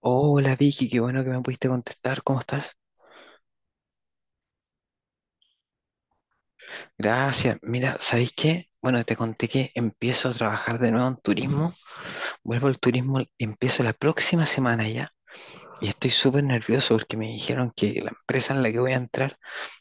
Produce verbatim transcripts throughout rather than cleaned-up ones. Hola Vicky, qué bueno que me pudiste contestar. ¿Cómo estás? Gracias. Mira, ¿sabéis qué? Bueno, te conté que empiezo a trabajar de nuevo en turismo. Vuelvo al turismo, empiezo la próxima semana ya. Y estoy súper nervioso porque me dijeron que la empresa en la que voy a entrar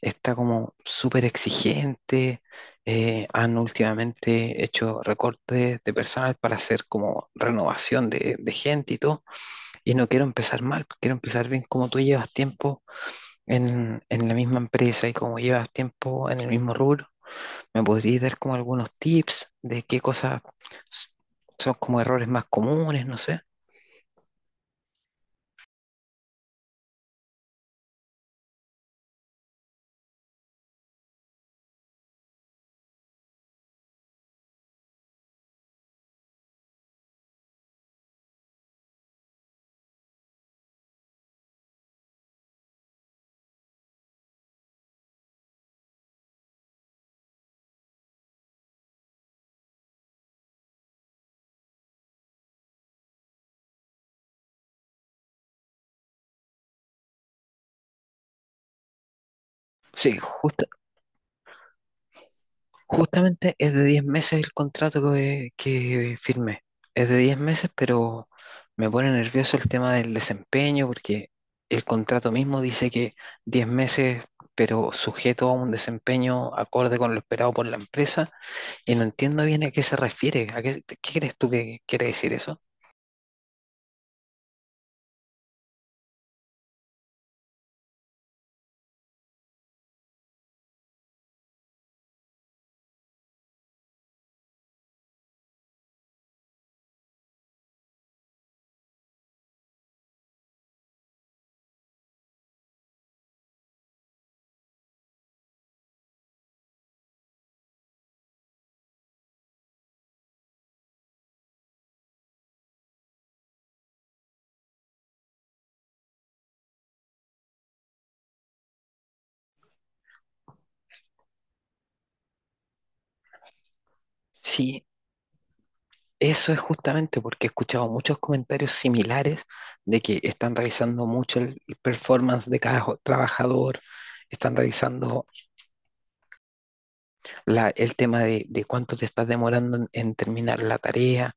está como súper exigente. eh, han últimamente hecho recortes de personal para hacer como renovación de, de gente y todo. Y no quiero empezar mal, quiero empezar bien como tú llevas tiempo en, en la misma empresa y como llevas tiempo en el mismo rubro, ¿me podrías dar como algunos tips de qué cosas s- son como errores más comunes? No sé. Sí, justa- justamente es de diez meses el contrato que, que firmé. Es de diez meses, pero me pone nervioso el tema del desempeño porque el contrato mismo dice que diez meses, pero sujeto a un desempeño acorde con lo esperado por la empresa. Y no entiendo bien a qué se refiere. ¿A qué, qué crees tú que quiere decir eso? Sí, eso es justamente porque he escuchado muchos comentarios similares de que están revisando mucho el el performance de cada jo- trabajador, están revisando la- el tema de, de cuánto te estás demorando en, en terminar la tarea.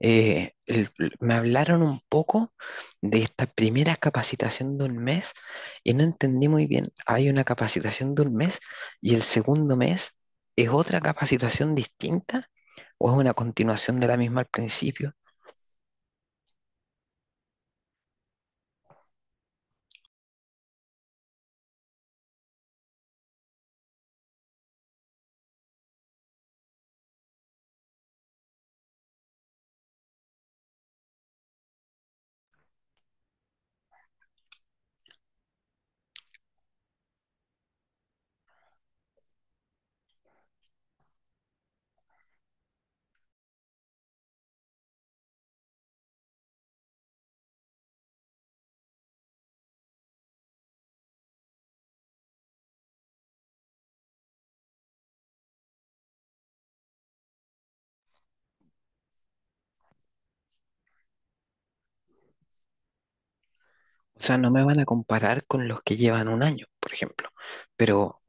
Eh, el- Me hablaron un poco de esta primera capacitación de un mes y no entendí muy bien. Hay una capacitación de un mes y el segundo mes es otra capacitación distinta o es una continuación de la misma al principio. O sea, no me van a comparar con los que llevan un año, por ejemplo, pero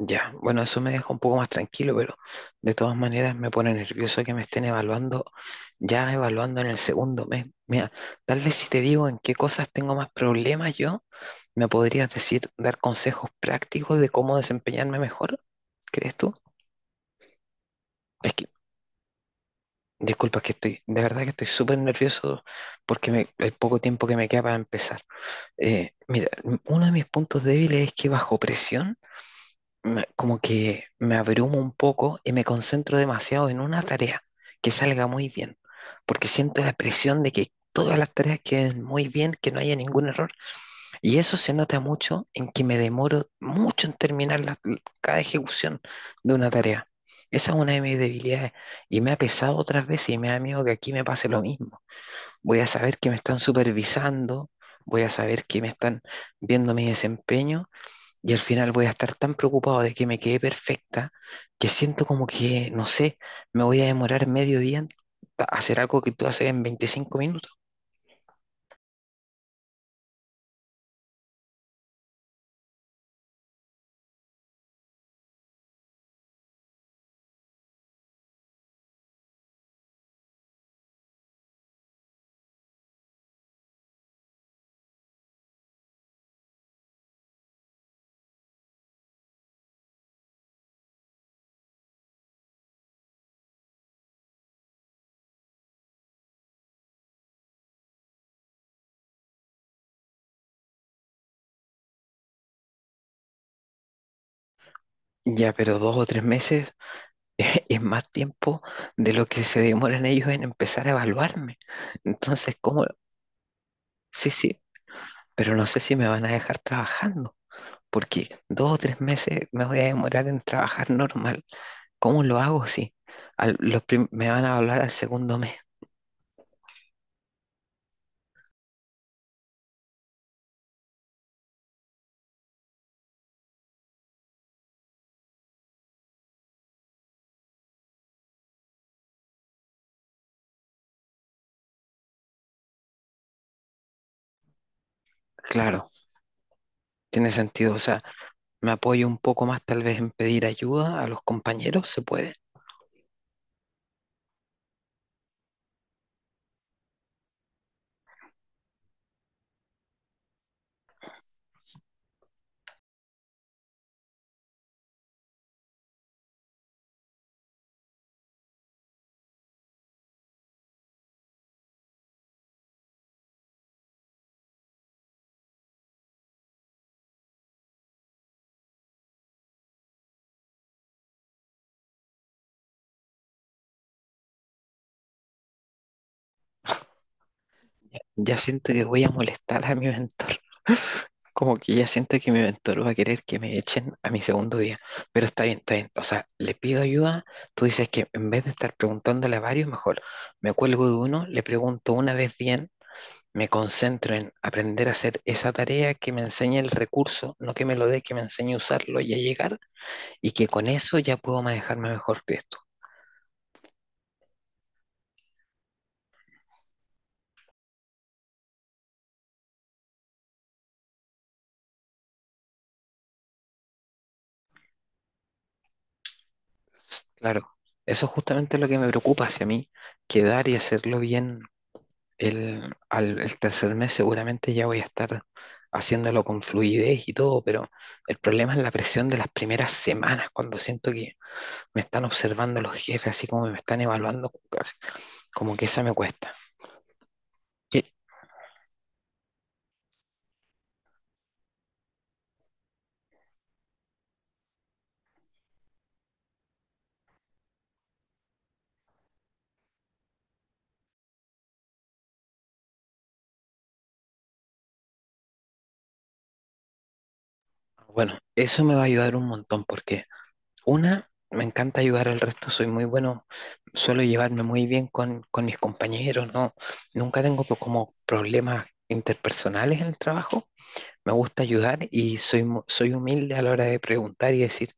ya, bueno, eso me deja un poco más tranquilo, pero de todas maneras me pone nervioso que me estén evaluando, ya evaluando en el segundo mes. Mira, tal vez si te digo en qué cosas tengo más problemas yo, me podrías decir, dar consejos prácticos de cómo desempeñarme mejor, ¿crees tú? Es que, disculpa, es que estoy, de verdad que estoy súper nervioso porque me, el poco tiempo que me queda para empezar. Eh, mira, m- uno de mis puntos débiles es que bajo presión me- como que me abrumo un poco y me concentro demasiado en una tarea que salga muy bien, porque siento la presión de que todas las tareas queden muy bien, que no haya ningún error. Y eso se nota mucho en que me demoro mucho en terminar la- cada ejecución de una tarea. Esa es una de mis debilidades y me ha pesado otras veces y me da miedo que aquí me pase lo mismo. Voy a saber que me están supervisando, voy a saber que me están viendo mi desempeño y al final voy a estar tan preocupado de que me quede perfecta que siento como que, no sé, me voy a demorar medio día en hacer algo que tú haces en veinticinco minutos. Ya, pero dos o tres meses es más tiempo de lo que se demoran ellos en empezar a evaluarme. Entonces, ¿cómo? Sí, sí, pero no sé si me van a dejar trabajando, porque dos o tres meses me voy a demorar en trabajar normal. ¿Cómo lo hago? Sí, al- los prim- me van a hablar al segundo mes. Claro, tiene sentido. O sea, me apoyo un poco más tal vez en pedir ayuda a los compañeros, se puede. Ya siento que voy a molestar a mi mentor. Como que ya siento que mi mentor va a querer que me echen a mi segundo día. Pero está bien, está bien. O sea, le pido ayuda. Tú dices que en vez de estar preguntándole a varios, mejor me cuelgo de uno, le pregunto una vez bien, me concentro en aprender a hacer esa tarea que me enseña el recurso, no que me lo dé, que me enseñe a usarlo y a llegar, y que con eso ya puedo manejarme mejor que esto. Claro, eso es justamente lo que me preocupa hacia mí, quedar y hacerlo bien. El, al, el tercer mes seguramente ya voy a estar haciéndolo con fluidez y todo, pero el problema es la presión de las primeras semanas, cuando siento que me están observando los jefes, así como me están evaluando, casi, como que esa me cuesta. Que, bueno, eso me va a ayudar un montón porque una, me encanta ayudar al resto, soy muy bueno, suelo llevarme muy bien con, con mis compañeros, no, nunca tengo po- como problemas interpersonales en el trabajo. Me gusta ayudar y soy, mu- soy humilde a la hora de preguntar y decir,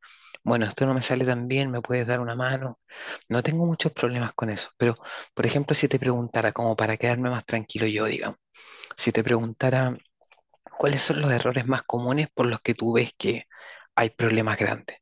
bueno, esto no me sale tan bien, ¿me puedes dar una mano? No tengo muchos problemas con eso, pero por ejemplo, si te preguntara, como para quedarme más tranquilo yo, digamos, si te preguntara cuáles son los errores más comunes por los que tú ves que hay problemas grandes.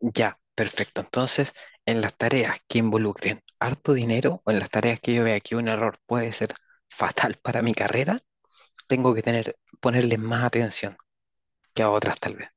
Ya, perfecto. Entonces, en las tareas que involucren harto dinero o en las tareas que yo vea que un error puede ser fatal para mi carrera, tengo que tener, ponerle más atención que a otras tal vez.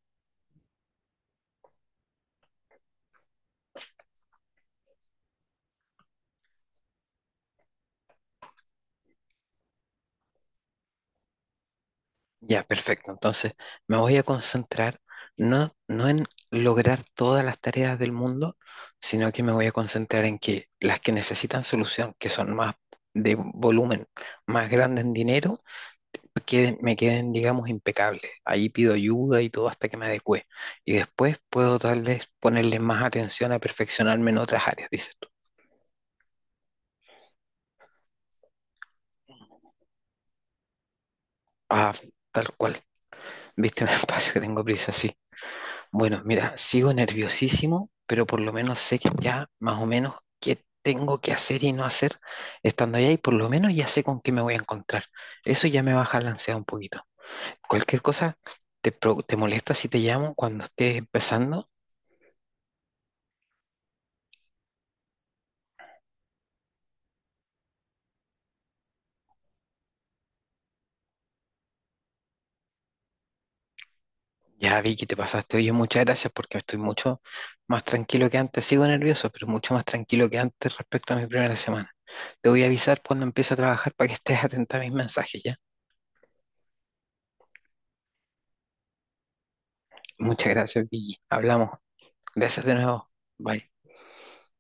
Ya, perfecto. Entonces, me voy a concentrar no, no en lograr todas las tareas del mundo, sino que me voy a concentrar en que las que necesitan solución, que son más de volumen, más grande en dinero, queden, me queden, digamos, impecables. Ahí pido ayuda y todo hasta que me adecue. Y después puedo tal vez ponerle más atención a perfeccionarme en otras áreas, dices tú. Ah, tal cual. Viste, me espacio que tengo prisa, sí. Bueno, mira, sigo nerviosísimo, pero por lo menos sé que ya más o menos qué tengo que hacer y no hacer estando allá y por lo menos ya sé con qué me voy a encontrar. Eso ya me baja la ansiedad un poquito. Cualquier cosa, ¿te, pro- te molesta si te llamo cuando esté empezando? Ya vi que te pasaste. Oye, muchas gracias porque estoy mucho más tranquilo que antes. Sigo nervioso, pero mucho más tranquilo que antes respecto a mi primera semana. Te voy a avisar cuando empiece a trabajar para que estés atenta a mis mensajes, ¿ya? Muchas gracias, Vicky. Hablamos. Gracias de nuevo. Bye.